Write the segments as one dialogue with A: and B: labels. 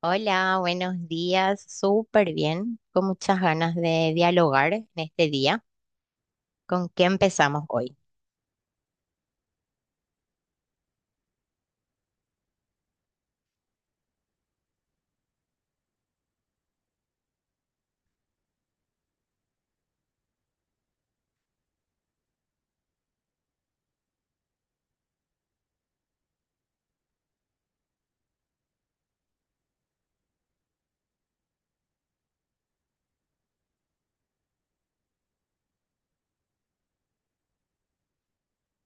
A: Hola, buenos días. Súper bien, con muchas ganas de dialogar en este día. ¿Con qué empezamos hoy?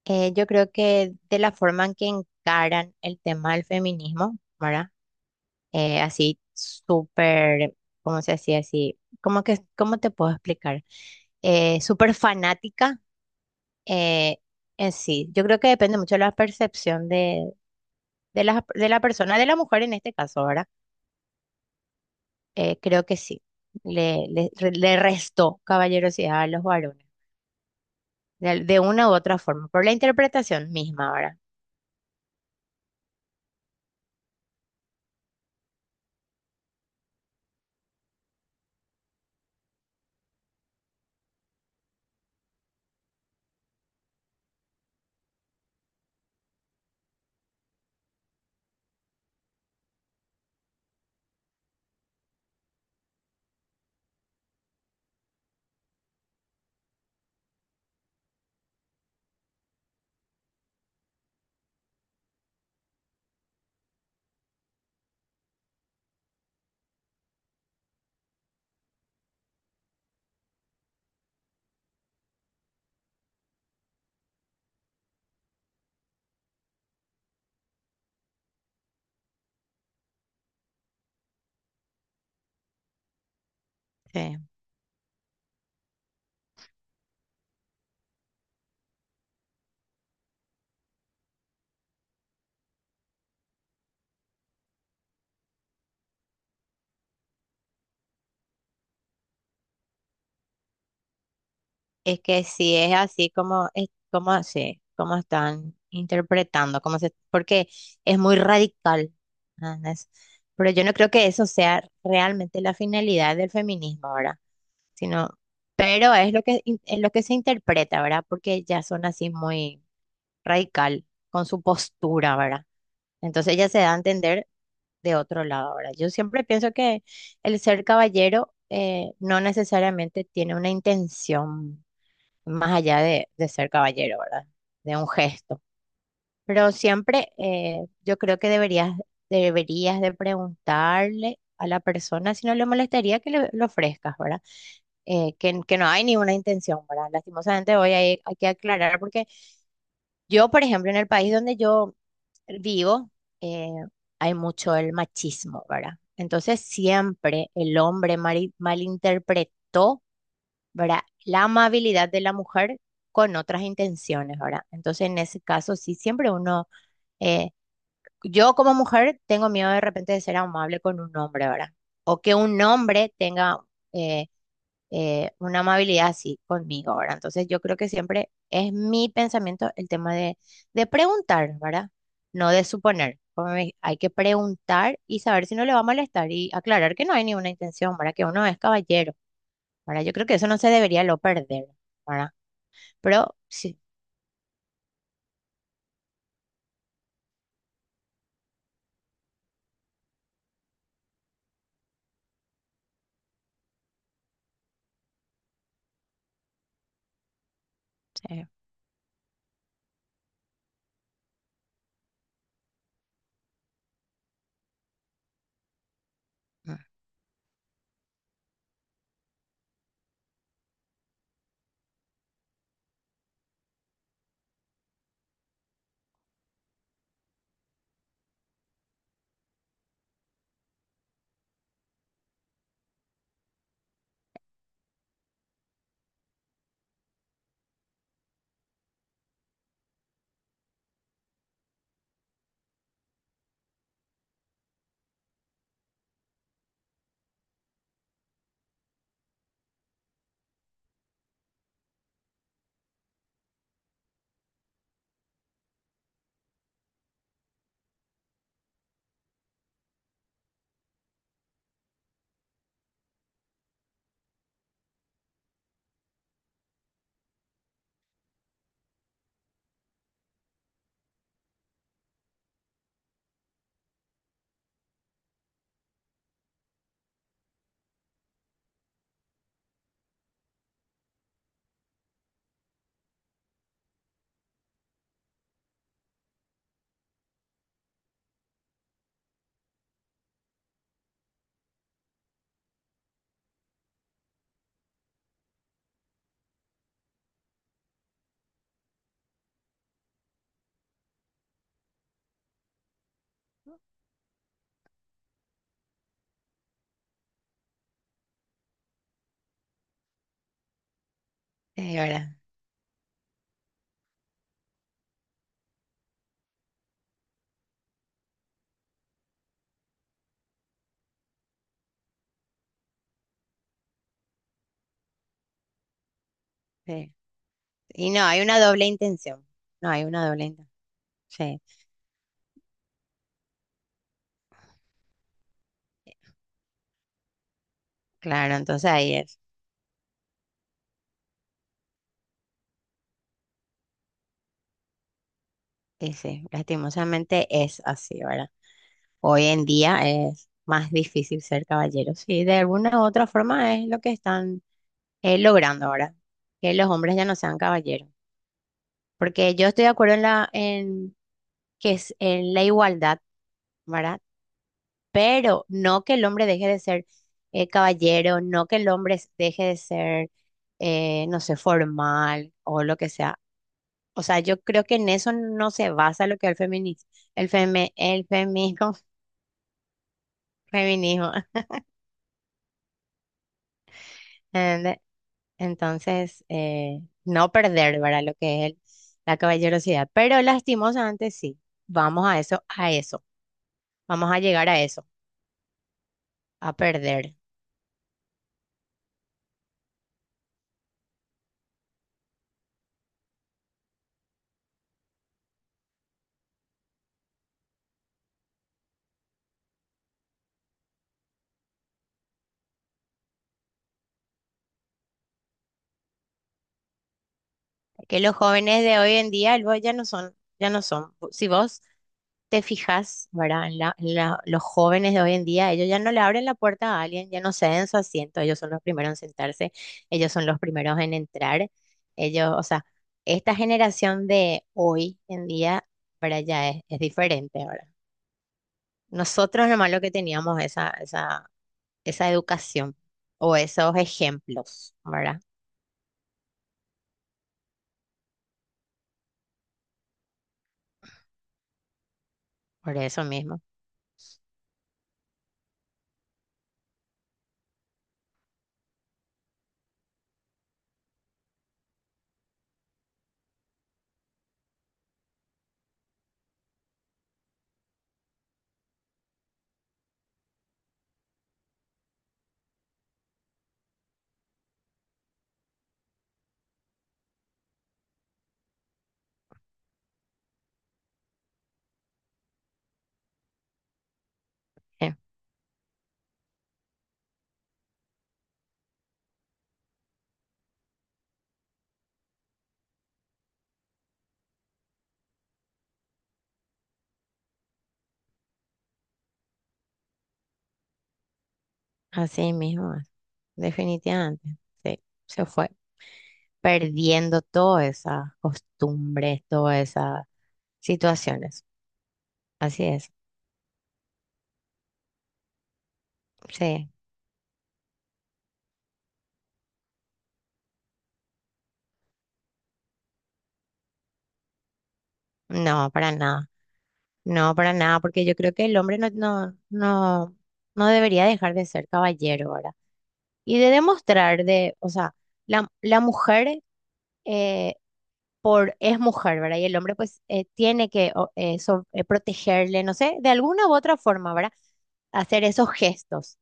A: Yo creo que de la forma en que encaran el tema del feminismo, ¿verdad? Así súper, ¿cómo se decía así? ¿Cómo que, cómo te puedo explicar? Súper fanática. eh, en sí, yo creo que depende mucho de la percepción de, de la persona, de la mujer en este caso, ¿verdad? Creo que sí. Le restó caballerosidad a los varones, de una u otra forma, por la interpretación misma ahora. Sí. Es que sí es así como, es, como, sí, como están interpretando, como se, porque es muy radical. ¿Entendés? Pero yo no creo que eso sea realmente la finalidad del feminismo ahora, sino, pero es lo que, es lo que se interpreta, ¿verdad? Porque ya son así muy radical con su postura, ¿verdad? Entonces ella se da a entender de otro lado ahora. Yo siempre pienso que el ser caballero no necesariamente tiene una intención más allá de ser caballero, ¿verdad? De un gesto. Pero siempre yo creo que deberías, deberías de preguntarle a la persona si no le molestaría que le ofrezcas, ¿verdad? Que no hay ninguna intención, ¿verdad? Lastimosamente hoy hay, hay que aclarar porque yo, por ejemplo, en el país donde yo vivo, eh, hay mucho el machismo, ¿verdad? Entonces siempre el hombre malinterpretó, ¿verdad? La amabilidad de la mujer con otras intenciones, ¿verdad? Entonces en ese caso sí, siempre uno, eh, yo como mujer tengo miedo de repente de ser amable con un hombre, ¿verdad? O que un hombre tenga... eh, una amabilidad así conmigo, ¿verdad? Entonces yo creo que siempre es mi pensamiento el tema de preguntar, ¿verdad? No de suponer. Hay que preguntar y saber si no le va a molestar y aclarar que no hay ninguna intención, ¿verdad? Que uno es caballero, ¿verdad? Yo creo que eso no se debería lo perder, ¿verdad? Pero sí, sí, mm, sí, ¿verdad? Sí. Sí. Y no, hay una doble intención. No, hay una doble intención. Sí, claro, entonces ahí es. Y sí, lastimosamente es así, ¿verdad? Hoy en día es más difícil ser caballero. Sí, de alguna u otra forma es lo que están logrando ahora, que los hombres ya no sean caballeros. Porque yo estoy de acuerdo en la, en que es en la igualdad, ¿verdad? Pero no que el hombre deje de ser caballero, no que el hombre deje de ser, no sé, formal o lo que sea. O sea, yo creo que en eso no se basa lo que es el feminismo, el el feminismo, feminismo. Entonces, no perder, ¿verdad? Lo que es la caballerosidad. Pero lastimosamente sí, vamos a eso, a eso. Vamos a llegar a eso, a perder. Que los jóvenes de hoy en día, luego ya no son, ya no son. Si vos te fijas, ¿verdad? Los jóvenes de hoy en día, ellos ya no le abren la puerta a alguien, ya no ceden su asiento, ellos son los primeros en sentarse, ellos son los primeros en entrar. Ellos, o sea, esta generación de hoy en día, ¿verdad? Ya es diferente, ahora. Nosotros nomás lo que teníamos esa, esa, esa educación o esos ejemplos, ¿verdad? Por eso mismo. eh, Así mismo, es, definitivamente. Sí, se fue perdiendo todas esas costumbres, todas esas situaciones. Así es. Sí, no, para nada. No, para nada, porque yo creo que el hombre no, no debería dejar de ser caballero, ¿verdad? Y de demostrar de, o sea, la mujer eh, por es mujer, ¿verdad? Y el hombre pues tiene que protegerle, no sé, de alguna u otra forma, ¿verdad? Hacer esos gestos.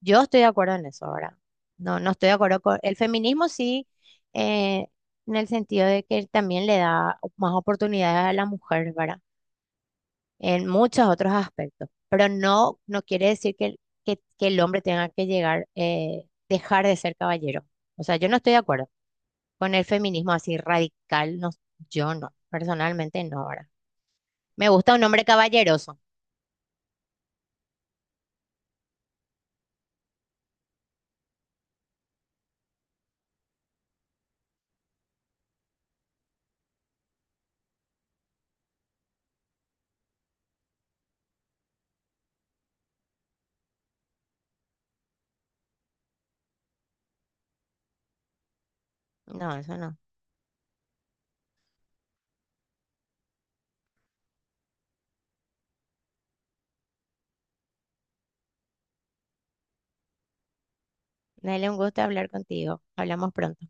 A: Yo estoy de acuerdo en eso, ¿verdad? No, no estoy de acuerdo con el feminismo, sí, eh, en el sentido de que también le da más oportunidades a la mujer, ¿verdad? En muchos otros aspectos, pero no, no quiere decir que, que el hombre tenga que llegar, dejar de ser caballero. O sea, yo no estoy de acuerdo con el feminismo así radical, no, yo no, personalmente no, ahora. Me gusta un hombre caballeroso. No, eso no. Dale un gusto hablar contigo. Hablamos pronto.